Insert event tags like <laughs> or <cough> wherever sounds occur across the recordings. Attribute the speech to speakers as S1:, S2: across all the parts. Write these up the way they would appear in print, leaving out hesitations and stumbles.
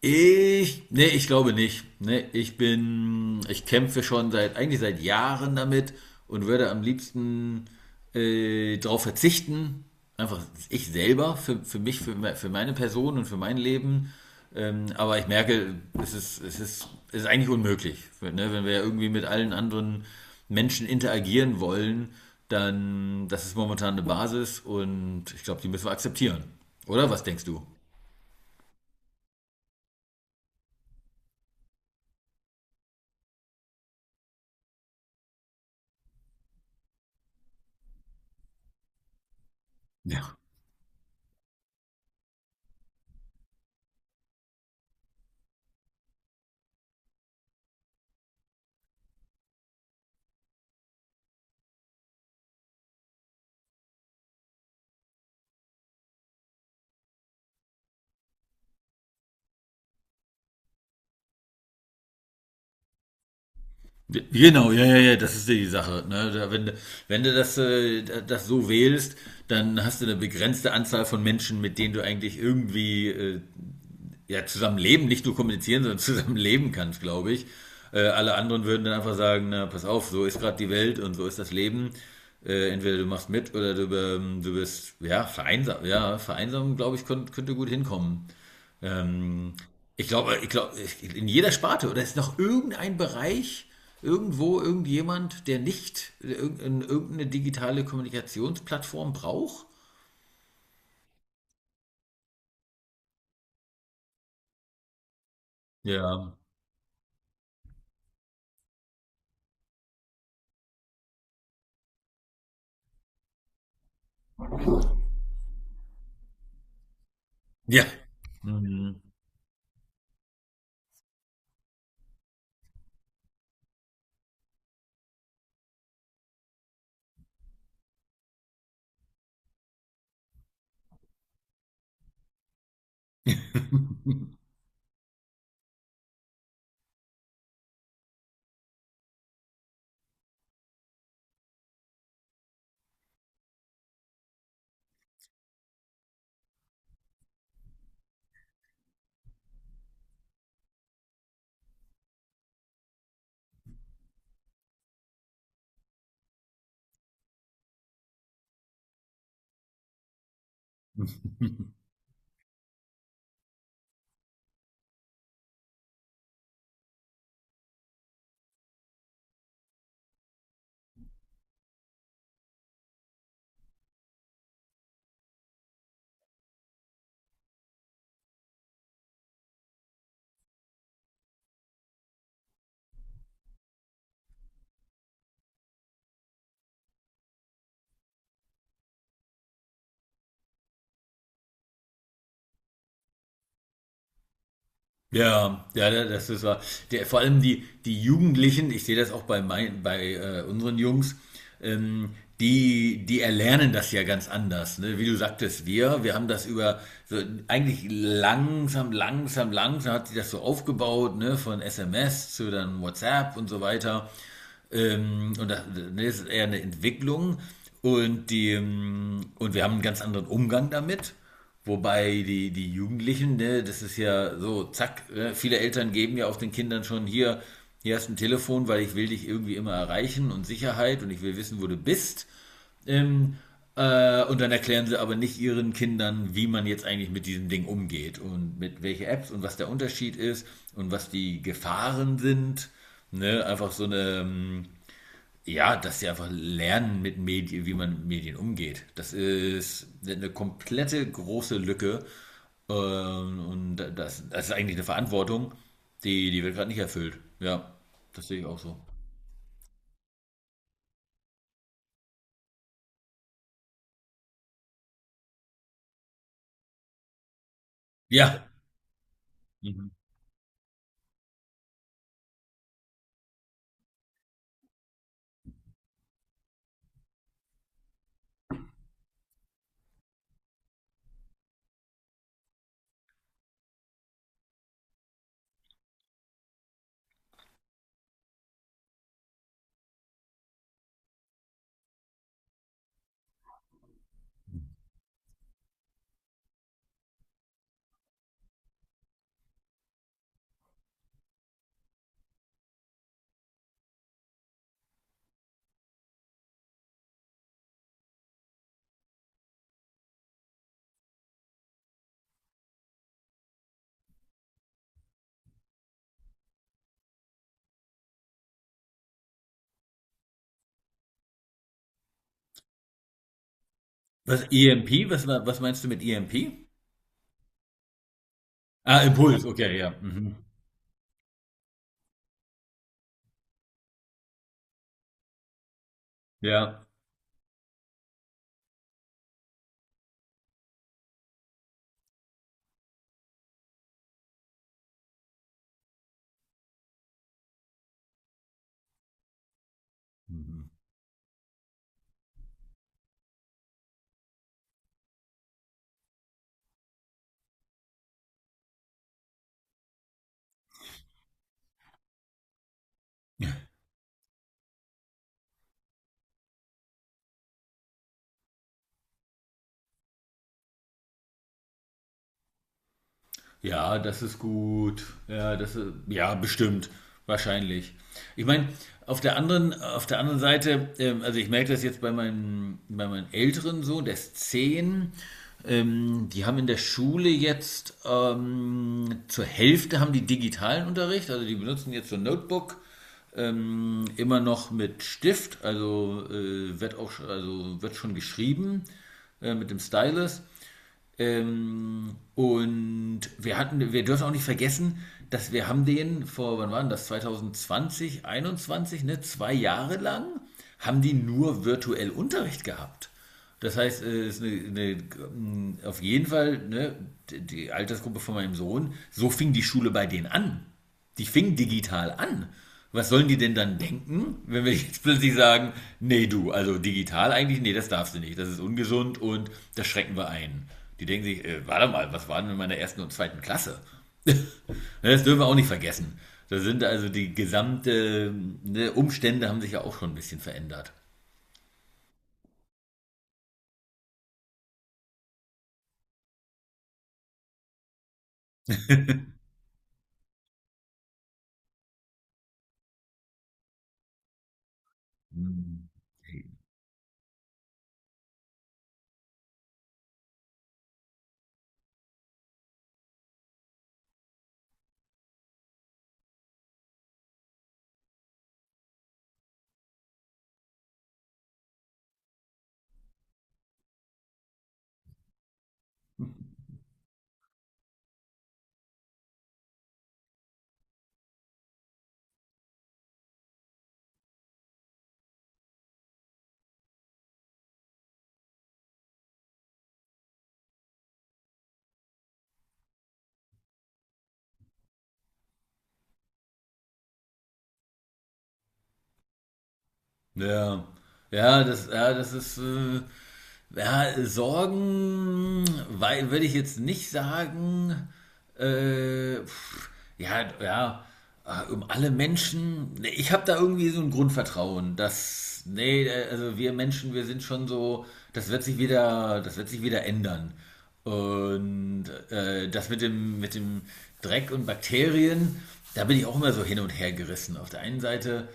S1: Ich glaube nicht. Nee, ich kämpfe schon eigentlich seit Jahren damit und würde am liebsten darauf verzichten, einfach ich selber, für mich, für meine Person und für mein Leben. Aber ich merke, es ist eigentlich unmöglich. Ne, wenn wir ja irgendwie mit allen anderen Menschen interagieren wollen, dann, das ist momentan eine Basis und ich glaube, die müssen wir akzeptieren. Oder was denkst du? Ja. Genau, ja, ja, ja, das ist die Sache. Ne? Da, wenn, wenn du das so wählst, dann hast du eine begrenzte Anzahl von Menschen, mit denen du eigentlich irgendwie ja, zusammenleben, nicht nur kommunizieren, sondern <laughs> zusammenleben kannst, glaube ich. Alle anderen würden dann einfach sagen, na, pass auf, so ist gerade die Welt und so ist das Leben. Entweder du machst mit oder du bist, ja, vereinsam. Ja, vereinsamen, glaube ich, könnte gut hinkommen. Ähm, ich glaube, in jeder Sparte oder ist noch irgendein Bereich, irgendwo irgendjemand, der nicht irgendeine digitale Kommunikationsplattform braucht? Ja. Ja. Mhm. <laughs> Ja, ja, das ist wahr. Vor allem die Jugendlichen, ich sehe das auch bei unseren Jungs, ähm, die erlernen das ja ganz anders. Ne? Wie du sagtest, wir haben das über so eigentlich langsam hat sich das so aufgebaut, ne? Von SMS zu dann WhatsApp und so weiter. Und das ist eher eine Entwicklung. Und wir haben einen ganz anderen Umgang damit. Wobei die Jugendlichen, ne, das ist ja so, zack, ne, viele Eltern geben ja auch den Kindern schon hier, hier hast du ein Telefon, weil ich will dich irgendwie immer erreichen und Sicherheit und ich will wissen, wo du bist. Ähm, und dann erklären sie aber nicht ihren Kindern, wie man jetzt eigentlich mit diesem Ding umgeht und mit welche Apps und was der Unterschied ist und was die Gefahren sind. Ne? Ja, dass sie einfach lernen, mit Medien, wie man mit Medien umgeht. Das ist eine komplette große Lücke. Und das ist eigentlich eine Verantwortung, die wird gerade nicht erfüllt. Ja, das sehe ich auch so. Ja. Mhm. Was EMP? Was meinst du mit EMP? Ah, Impuls, okay, ja. Mhm. Ja. Mhm. Ja, das ist gut. Ja, das ist, ja, bestimmt. Wahrscheinlich. Ich meine, auf der anderen Seite, also ich merke das jetzt bei meinem älteren Sohn, der ist 10. Die haben in der Schule jetzt zur Hälfte haben die digitalen Unterricht, also die benutzen jetzt so ein Notebook, immer noch mit Stift, wird auch also wird schon geschrieben mit dem Stylus. Wir hatten, wir dürfen auch nicht vergessen, dass wir haben den vor, wann waren das? 2020, 21, ne? 2 Jahre lang haben die nur virtuell Unterricht gehabt. Das heißt, es ist eine, auf jeden Fall, ne, die Altersgruppe von meinem Sohn, so fing die Schule bei denen an. Die fing digital an. Was sollen die denn dann denken, wenn wir <laughs> jetzt plötzlich sagen, nee du, also digital eigentlich, nee, das darfst du nicht, das ist ungesund und das schrecken wir ein. Die denken sich, warte mal, was waren denn in meiner ersten und zweiten Klasse? <laughs> Das dürfen wir auch nicht vergessen. Da sind also die gesamten ne, Umstände haben sich ja auch schon ein bisschen verändert. Ja, ja, ja, Sorgen, weil, würde ich jetzt nicht sagen, äh, pff, ja, ja, um alle Menschen. Nee, ich habe da irgendwie so ein Grundvertrauen, also wir Menschen, wir sind schon so, das wird sich wieder ändern. Und das mit mit dem Dreck und Bakterien, da bin ich auch immer so hin und her gerissen. Auf der einen Seite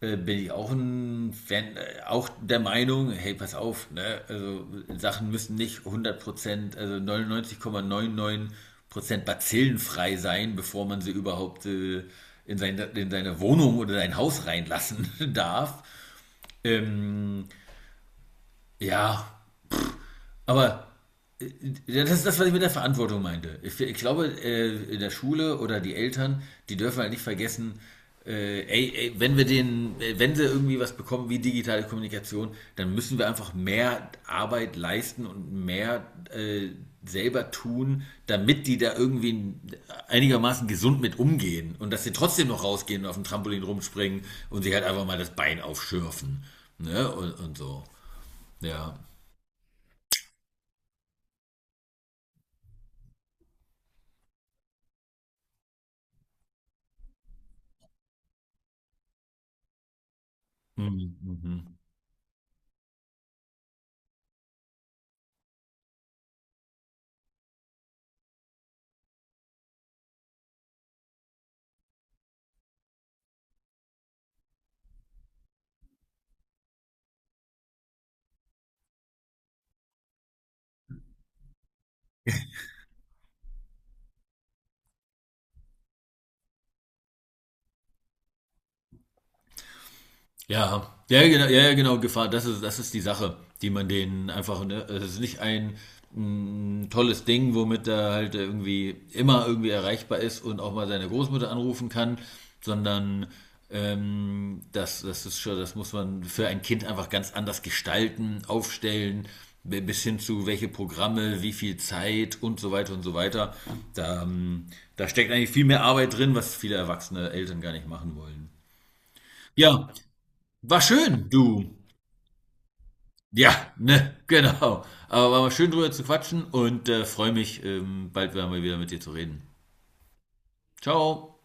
S1: bin ich auch ein Fan, auch der Meinung, hey, pass auf, ne? Also Sachen müssen nicht 100%, also 99,99% bazillenfrei sein, bevor man sie überhaupt in seine Wohnung oder sein Haus reinlassen <laughs> darf. Ähm, ja, aber Ja, das ist das, was ich mit der Verantwortung meinte. Ich glaube, in der Schule oder die Eltern, die dürfen halt nicht vergessen, wenn wenn sie irgendwie was bekommen wie digitale Kommunikation, dann müssen wir einfach mehr Arbeit leisten und mehr äh, selber tun, damit die da irgendwie einigermaßen gesund mit umgehen und dass sie trotzdem noch rausgehen und auf dem Trampolin rumspringen und sich halt einfach mal das Bein aufschürfen. Ne? Und so. Ja. Mhm. Mhm. Ja, ja, ja, genau, ja, ja, genau, Gefahr, das ist die Sache, die man denen einfach, ne, also es ist nicht ein tolles Ding, womit er halt irgendwie immer irgendwie erreichbar ist und auch mal seine Großmutter anrufen kann, sondern das ist schon, das muss man für ein Kind einfach ganz anders gestalten, aufstellen, bis hin zu welche Programme, wie viel Zeit und so weiter und so weiter. Da, ähm, Da steckt eigentlich viel mehr Arbeit drin, was viele erwachsene Eltern gar nicht machen wollen. Ja, war schön, du. Ja, ne, genau. Aber war mal schön drüber zu quatschen und freue mich, bald wieder mal wieder mit dir zu reden. Ciao.